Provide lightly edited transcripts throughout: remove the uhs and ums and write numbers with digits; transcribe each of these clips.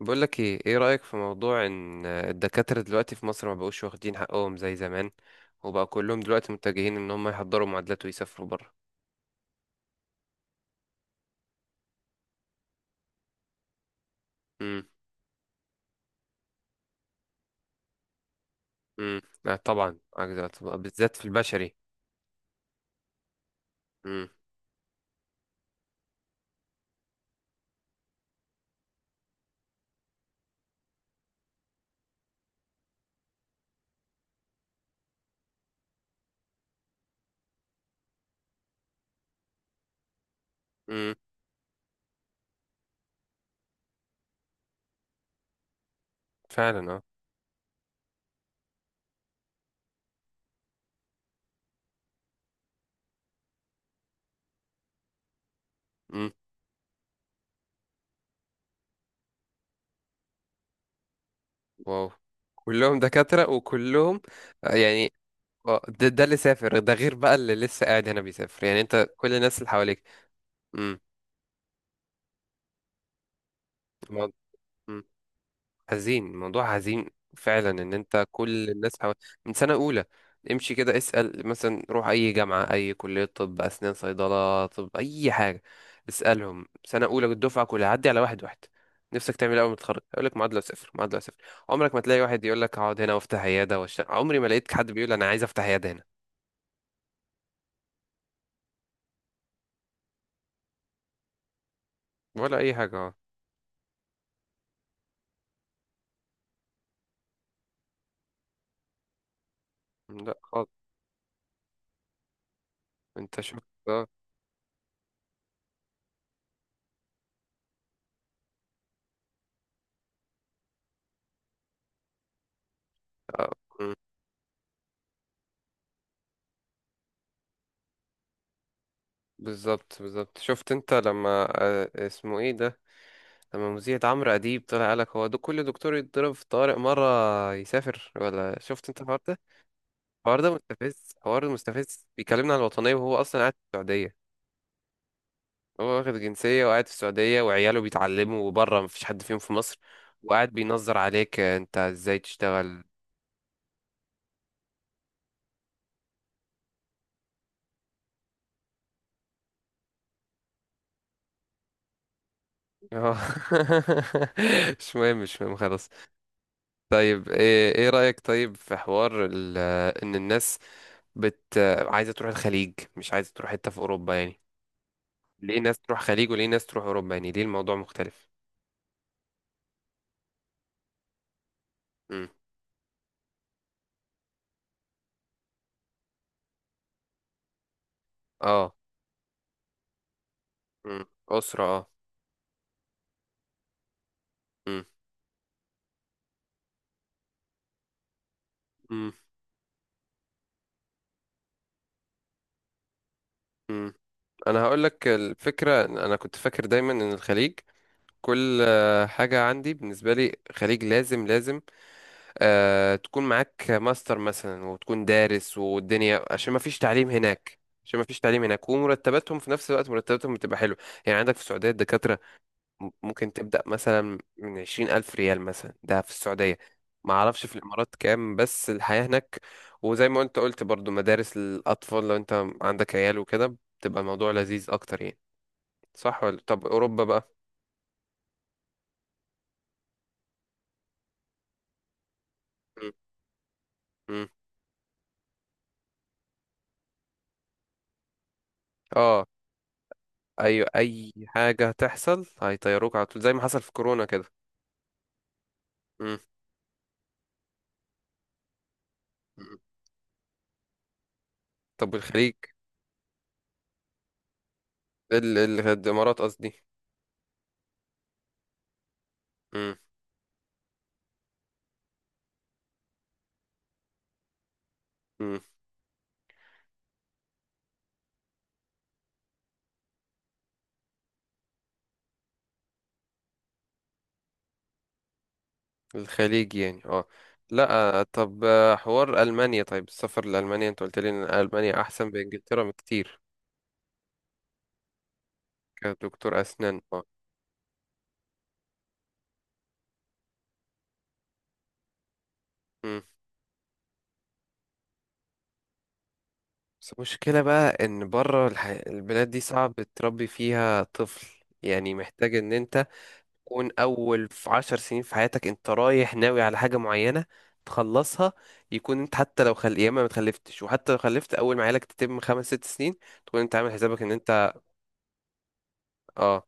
بقول لك ايه رأيك في موضوع ان الدكاترة دلوقتي في مصر ما بقوش واخدين حقهم زي زمان، وبقى كلهم دلوقتي متجهين ان هم يحضروا معادلات ويسافروا بره. امم. امم، لا طبعا، أجدع طبعاً، بالذات في البشري. امم. امم. فعلا اه. امم. واو، كلهم دكاترة وكلهم يعني. ده اللي سافر ده، غير بقى اللي لسه قاعد هنا بيسافر، يعني انت كل الناس اللي حواليك. امم. حزين، الموضوع حزين. فعلا، ان انت كل الناس من سنة اولى، امشي كده اسأل مثلا، روح اي جامعة، اي كلية طب، اسنان، صيدلة، طب، اي حاجة، اسألهم سنة اولى الدفعة كلها، عدي على واحد واحد، نفسك تعمل إيه اول ما تتخرج؟ يقول لك معادله صفر، معادله صفر. عمرك ما تلاقي واحد يقول لك هقعد هنا وافتح عياده واشتغل. عمري ما لقيت حد بيقول انا عايز افتح عياده هنا. ولا اي حاجه اه. لا خالص. انت شفت. اه. آه، مم. بالظبط، بالظبط. شفت انت لما اسمه ايه ده، لما مذيعة عمرو أديب طلع قالك هو دو كل دكتور يتضرب في طارق مرة يسافر، ولا شفت انت الحوار ده؟ الحوار ده مستفز، الحوار ده مستفز، بيكلمنا عن الوطنية وهو أصلا قاعد في السعودية. هو واخد جنسية وقاعد في السعودية، وعياله بيتعلموا وبره، مفيش حد فيهم في مصر. وقاعد بينظر عليك انت ازاي تشتغل. اه. مش مهم، مش مهم، خلاص. طيب، ايه رأيك طيب في حوار ان الناس بت عايزة تروح الخليج، مش عايزة تروح حتة في أوروبا يعني؟ ليه ناس تروح خليج وليه ناس تروح اوروبا، يعني ليه الموضوع مختلف؟ امم. اه. امم. اسره اه. امم. امم. امم. انا هقول لك الفكره، انا كنت فاكر دايما ان الخليج، كل حاجه عندي بالنسبه لي، خليج لازم لازم آه تكون معاك ماستر مثلا، وتكون دارس والدنيا، عشان ما فيش تعليم هناك. عشان ما فيش تعليم هناك، ومرتباتهم في نفس الوقت مرتباتهم بتبقى حلوه. يعني عندك في السعوديه الدكاتره ممكن تبدأ مثلا من 20,000 ريال، مثلا ده في السعودية. ما أعرفش في الإمارات كام، بس الحياة هناك وزي ما أنت قلت برضو مدارس الأطفال، لو أنت عندك عيال وكده بتبقى الموضوع لذيذ أكتر يعني. صح ولا؟ طب أوروبا بقى؟ م- م. اه. أيوة، أي حاجة هتحصل هيطيروك على طول، زي ما حصل في كورونا كده. م- م. طب والخليج؟ الإمارات قصدي. م- م. الخليج يعني اه. لا. طب، حوار ألمانيا، طيب السفر لألمانيا، انت قلت لي ان ألمانيا احسن بإنجلترا بكتير، كدكتور أسنان اه. مم. بس المشكلة بقى ان بره البلاد دي صعب تربي فيها طفل، يعني محتاج ان انت تكون اول في 10 سنين في حياتك، انت رايح ناوي على حاجة معينة تخلصها، يكون انت حتى لو يا اما ما تخلفتش، وحتى لو خلفت اول ما عيالك تتم خمس ست سنين تكون انت عامل حسابك ان انت اه.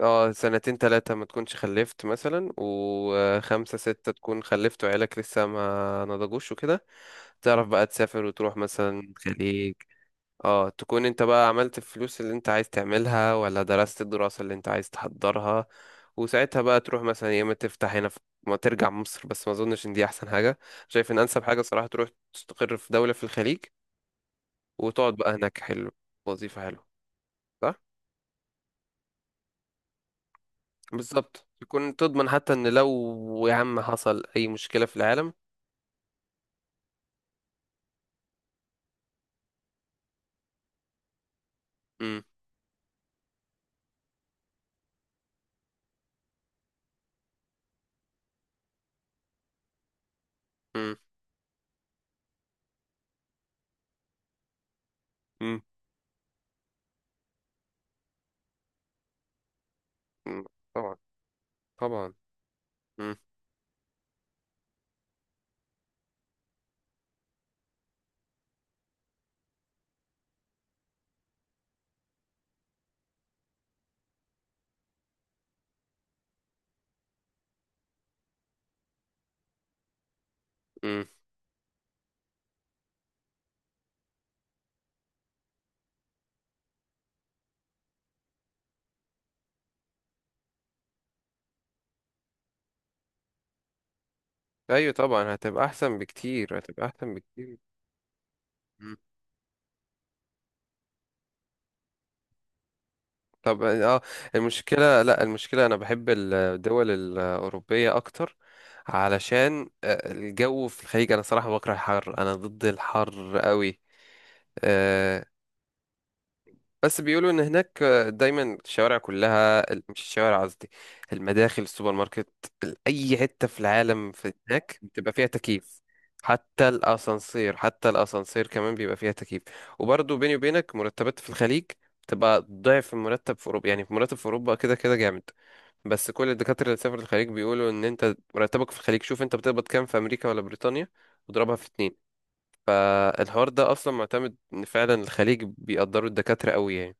اه، سنتين تلاتة ما تكونش خلفت مثلا، وخمسة ستة تكون خلفت وعيالك لسه ما نضجوش وكده. تعرف بقى تسافر وتروح مثلا الخليج. اه، تكون انت بقى عملت الفلوس اللي انت عايز تعملها، ولا درست الدراسة اللي انت عايز تحضرها. وساعتها بقى تروح مثلا، يا اما تفتح هنا في، ما ترجع مصر، بس ما اظنش ان دي احسن حاجة. شايف ان انسب حاجة صراحة تروح تستقر في دولة في الخليج، وتقعد بقى هناك. حلو، وظيفة حلوة. صح؟ بالظبط، تكون تضمن حتى ان لو يا عم حصل اي مشكلة في العالم. مم. مم. مم. مم. طبعا، طبعا. مم. مم. ايوه طبعا، هتبقى احسن بكتير، هتبقى احسن بكتير. مم. طب اه، المشكلة، لا المشكلة انا بحب الدول الاوروبية اكتر، علشان الجو في الخليج. انا صراحة بكره الحر، انا ضد الحر قوي. بس بيقولوا ان هناك دايما الشوارع كلها، مش الشوارع قصدي، المداخل، السوبر ماركت، اي حته في العالم في هناك بتبقى فيها تكييف. حتى الاسانسير، حتى الاسانسير كمان بيبقى فيها تكييف. وبرضه بيني وبينك، مرتبات في الخليج تبقى ضعف المرتب في اوروبا. يعني في مرتب في اوروبا كده كده جامد، بس كل الدكاتره اللي سافروا الخليج بيقولوا ان انت مرتبك في الخليج، شوف انت بتقبض كام في امريكا ولا بريطانيا واضربها في اتنين. فالحوار ده اصلا معتمد ان فعلا الخليج بيقدروا الدكاتره قوي يعني.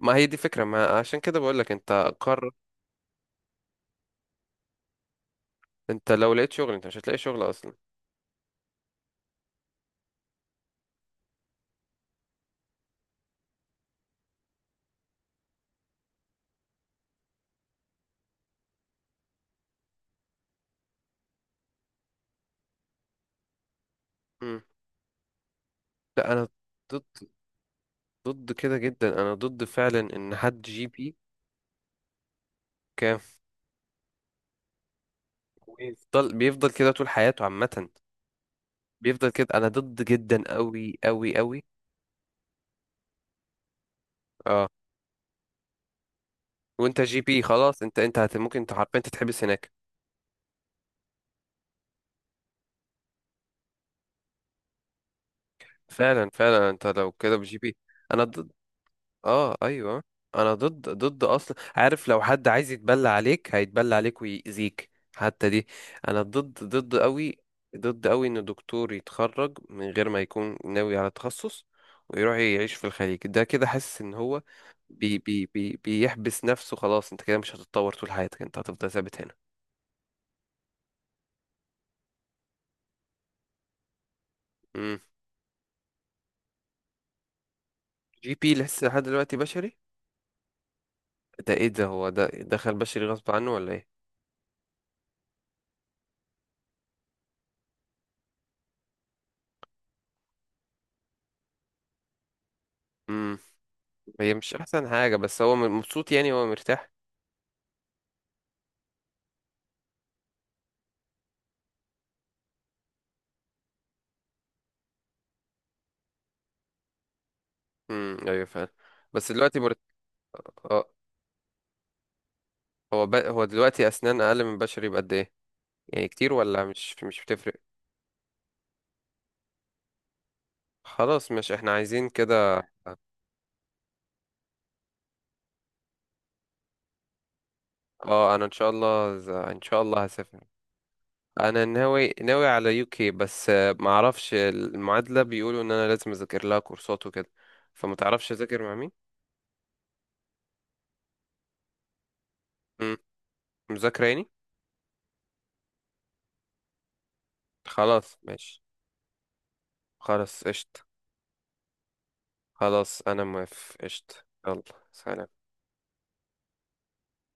ما هي دي فكرة، ما عشان كده بقول لك انت قرر. انت لو لقيت شغل، انت مش هتلاقي شغل اصلا. مم. لا انا ضد، ضد كده جدا، انا ضد فعلا ان حد جي بي كان، ويفضل بيفضل كده طول حياته عامة. بيفضل كده. انا ضد جدا قوي قوي قوي. اه وانت جي بي خلاص، انت انت هت، ممكن انت حرفيا تتحبس هناك. فعلا، فعلا، انت لو كده بجي بي. انا ضد. اه ايوه، انا ضد ضد اصلا، عارف لو حد عايز يتبلى عليك هيتبلى عليك ويأذيك حتى دي. انا ضد ضد قوي، ضد قوي ان دكتور يتخرج من غير ما يكون ناوي على تخصص ويروح يعيش في الخليج. ده كده حاسس ان هو بي بي بي بيحبس نفسه، خلاص انت كده مش هتتطور طول حياتك، انت هتفضل ثابت هنا. امم. جي بي لسه لحد دلوقتي بشري؟ ده ايه ده، هو ده دخل بشري غصب عنه ولا ايه؟ امم. هي مش احسن حاجة بس هو مبسوط يعني هو مرتاح. امم، ايوه فعلا. بس دلوقتي اه. هو هو دلوقتي اسنان اقل من بشري بقد ايه؟ يعني كتير ولا مش بتفرق؟ خلاص، مش احنا عايزين كده. اه انا ان شاء الله ان شاء الله هسافر. انا ناوي ناوي على يوكي، بس ما اعرفش المعادله، بيقولوا ان انا لازم اذاكر لها كورسات وكده، فما تعرفش اذاكر مع مين؟ امم، مذاكره يعني. خلاص ماشي. خلاص قشطه. خلاص انا موافق قشطه. يلا. سلام.